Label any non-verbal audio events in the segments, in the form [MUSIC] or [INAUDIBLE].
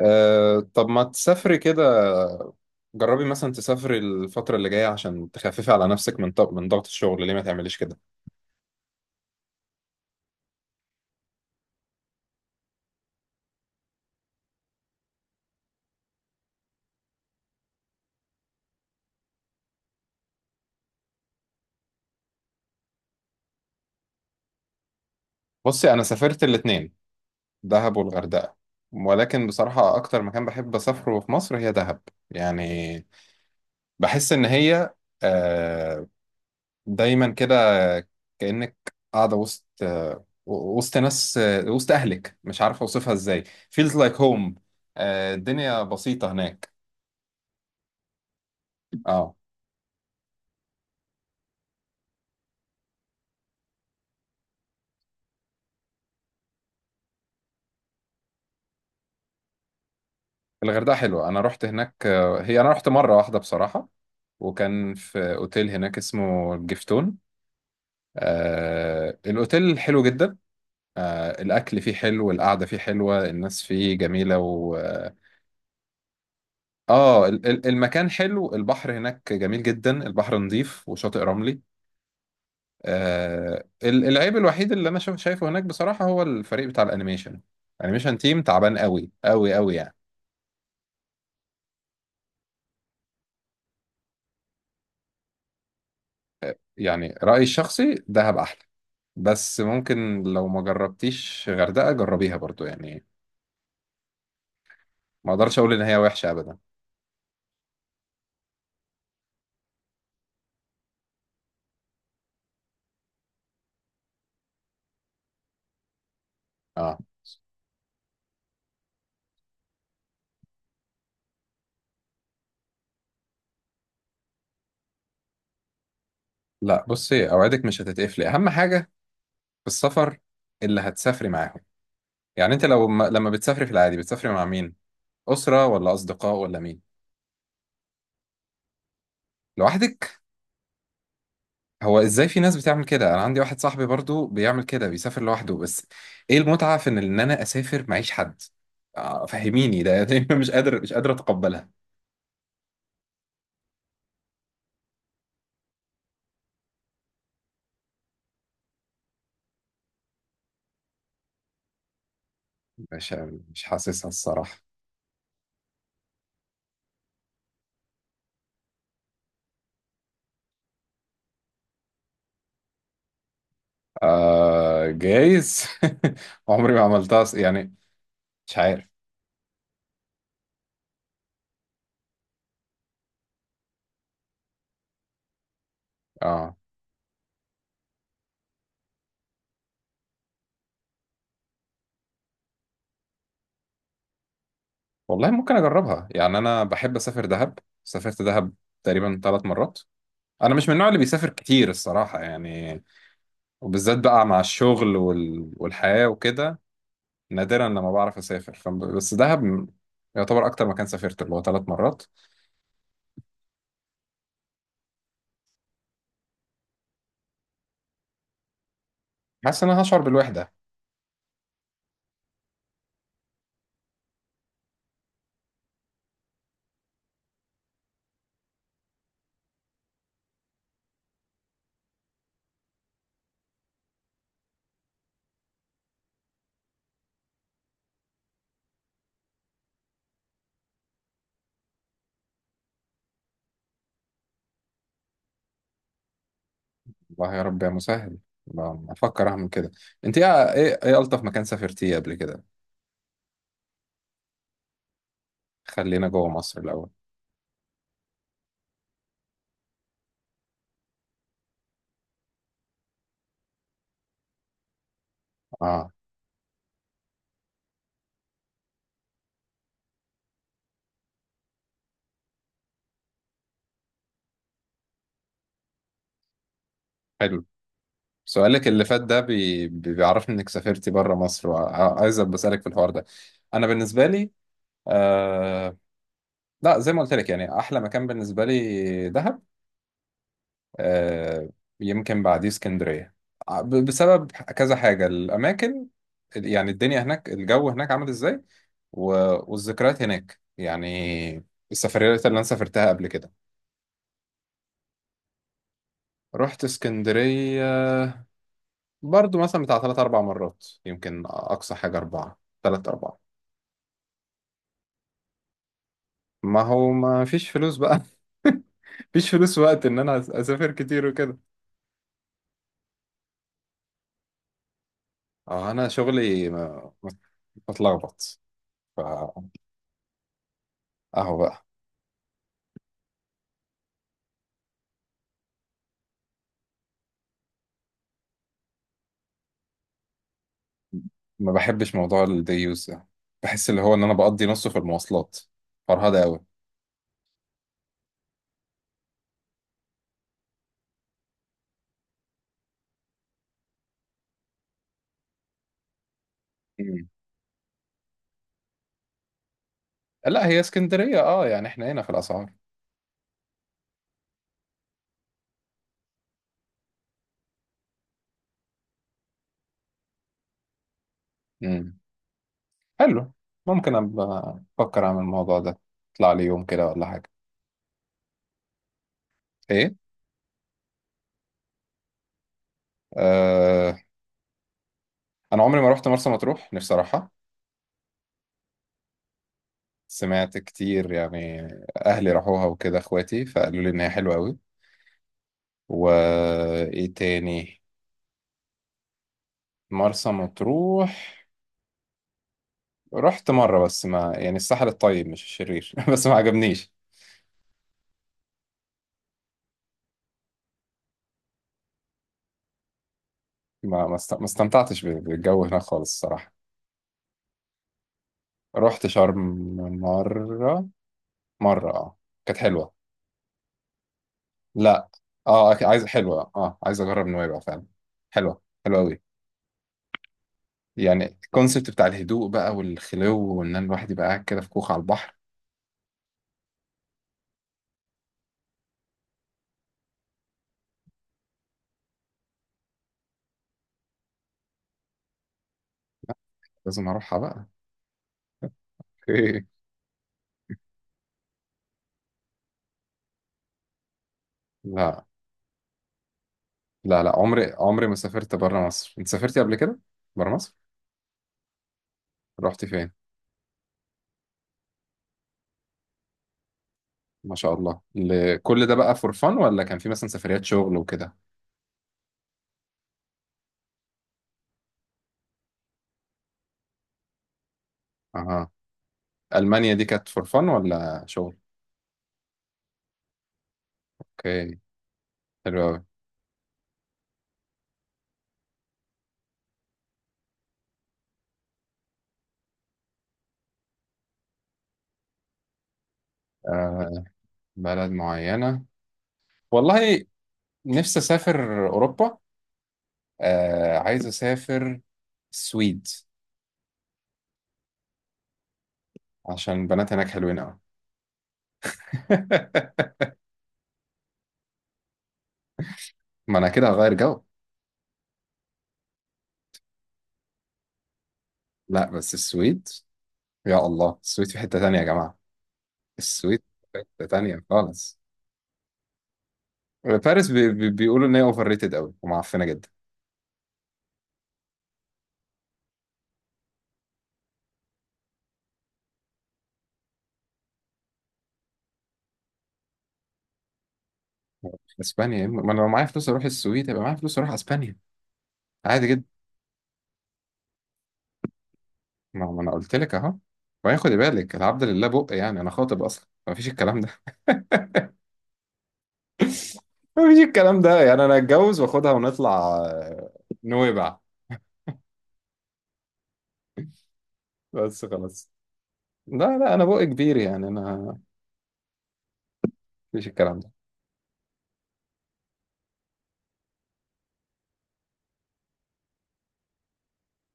أه، طب ما تسافري كده. جربي مثلا تسافري الفترة اللي جاية عشان تخففي على نفسك من ضغط الشغل، ليه ما تعمليش كده؟ بصي، أنا سافرت الاتنين، دهب والغردقة. ولكن بصراحة أكتر مكان بحب أسافره في مصر هي دهب. يعني بحس إن هي أه دايما كده، كأنك قاعدة وسط ناس، وسط أهلك، مش عارف أوصفها إزاي. feels like home. أه، الدنيا بسيطة هناك. اه، الغردقة حلوة، أنا رحت هناك. آه، هي أنا رحت مرة واحدة بصراحة. وكان في أوتيل هناك اسمه الجفتون. آه، الأوتيل حلو جدا. آه، الأكل فيه حلو، القعدة فيه حلوة، الناس فيه جميلة. و آه آه، المكان حلو، البحر هناك جميل جدا، البحر نظيف وشاطئ رملي. آه، العيب الوحيد اللي أنا شايفه هناك بصراحة هو الفريق بتاع الأنيميشن. الأنيميشن تيم تعبان قوي قوي قوي يعني. يعني رأيي الشخصي دهب أحلى. بس ممكن لو ما جربتيش غردقة جربيها برضو يعني. ما أقدرش أقول إن هي وحشة أبدا. آه، لا، بصي، أوعدك مش هتتقفلي. أهم حاجة في السفر اللي هتسافري معاهم. يعني أنت لو ما... لما بتسافري في العادي بتسافري مع مين؟ أسرة ولا أصدقاء ولا مين؟ لوحدك؟ هو إزاي في ناس بتعمل كده؟ أنا عندي واحد صاحبي برضو بيعمل كده، بيسافر لوحده. بس إيه المتعة في إن أنا أسافر معيش حد؟ آه، فهميني ده [LAUGHS] مش قادر أتقبلها. مش مش حاسسها الصراحة. آه جايز. [LAUGHS] عمري ما عملتها. يعني مش عارف. اه، والله ممكن أجربها، يعني أنا بحب أسافر دهب. سافرت دهب تقريبا ثلاث مرات. أنا مش من النوع اللي بيسافر كتير الصراحة يعني. وبالذات بقى مع الشغل والحياة وكده. نادرا لما بعرف أسافر. بس دهب يعتبر أكتر مكان سافرت، اللي هو ثلاث مرات. حاسس إن أنا هشعر بالوحدة. والله يا رب يا مسهل. ب- بفكر أعمل كده. أنت إيه ألطف مكان سافرتيه قبل كده؟ خلينا جوه مصر الأول. اه، حلو. سؤالك اللي فات ده بيعرفني انك سافرتي بره مصر، وعايز بسألك في الحوار ده. انا بالنسبة لي آه، لا زي ما قلت لك، يعني احلى مكان بالنسبة لي دهب. آه، يمكن بعديه اسكندرية، بسبب كذا حاجة. الاماكن، يعني الدنيا هناك، الجو هناك عامل ازاي، و... والذكريات هناك يعني، السفريات اللي انا سافرتها قبل كده. رحت اسكندرية برضو مثلا بتاع ثلاث أربع مرات، يمكن أقصى حاجة أربعة، ثلاث أربعة. ما هو ما فيش فلوس بقى. [LAUGHS] مفيش فلوس وقت إن أنا أسافر كتير وكده. أه، أنا شغلي متلخبط، فأهو بقى. ما بحبش موضوع الدي يوز ده، بحس اللي هو إن أنا بقضي نصه في المواصلات، فرهدة أوي. مم. لا، هي اسكندرية أه، يعني إحنا هنا في الأسعار. مم. حلو. ممكن أبقى أفكر أعمل الموضوع ده، أطلع لي يوم كده ولا حاجة. إيه؟ آه، انا عمري ما رحت مرسى مطروح، نفسي اروحها. سمعت كتير يعني، اهلي راحوها وكده، اخواتي فقالوا لي ان هي حلوه قوي. وايه تاني؟ مرسى مطروح. رحت مره بس، ما يعني الساحل الطيب مش الشرير [LAUGHS] بس ما عجبنيش. ما استمتعتش بالجو هناك خالص الصراحه. رحت شرم مره، مره اه، كانت حلوه. لا. اه، عايز حلوه اه، عايز اجرب نويبع فعلا. حلوه حلوه قوي يعني. الكونسيبت بتاع الهدوء بقى والخلو، وان أنا الواحد يبقى قاعد كده في كوخ على البحر. لازم اروحها بقى. [LAUGHS] اوكي. لا، لا، لا، عمري عمري ما سافرت بره مصر. انت سافرتي قبل كده بره مصر؟ رحتي فين؟ ما شاء الله، كل ده بقى فور فن ولا كان في مثلا سفريات شغل وكده؟ اها. المانيا دي كانت فور فن ولا شغل؟ اوكي. حلو قوي. آه، بلد معينة؟ والله نفسي اسافر اوروبا. آه، عايز اسافر السويد. عشان البنات هناك حلوين قوي. [LAUGHS] ما انا كده هغير جو. لا بس السويد. يا الله، السويد في حتة تانية يا جماعة. السويد في حتة تانية خالص. باريس بي بي بيقولوا ان هي اوفر ريتد قوي ومعفنة جدا. اسبانيا، ما انا لو معايا فلوس اروح السويد يبقى معايا فلوس اروح اسبانيا عادي جدا. ما انا قلت لك اهو. وبعدين خدي بالك، العبد لله بق يعني انا خاطب اصلا، ما فيش الكلام ده [LAUGHS] ما فيش الكلام ده. يعني انا اتجوز واخدها ونطلع. آه، نويبع. بس خلاص. لا، لا، انا بق كبير يعني. انا ما فيش الكلام ده.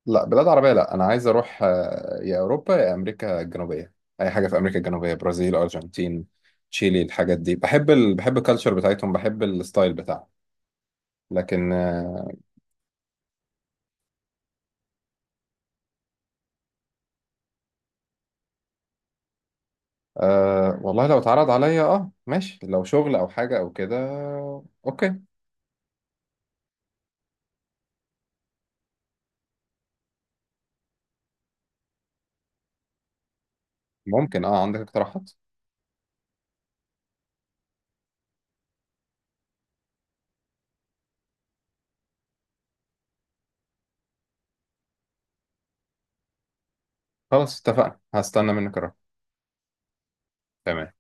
لا بلاد عربية. لا، أنا عايز أروح آه، يا أوروبا يا أمريكا الجنوبية. أي حاجة في أمريكا الجنوبية، برازيل، أرجنتين، تشيلي. الحاجات دي بحب بحب الكالتشر بتاعتهم، بحب الستايل بتاعهم. لكن آه، آه، والله لو اتعرض عليا أه، ماشي لو شغل أو حاجة أو كده. أوكي. ممكن. أه عندك اقتراحات؟ خلاص، اتفقنا، هستنى منك الرقم. تمام.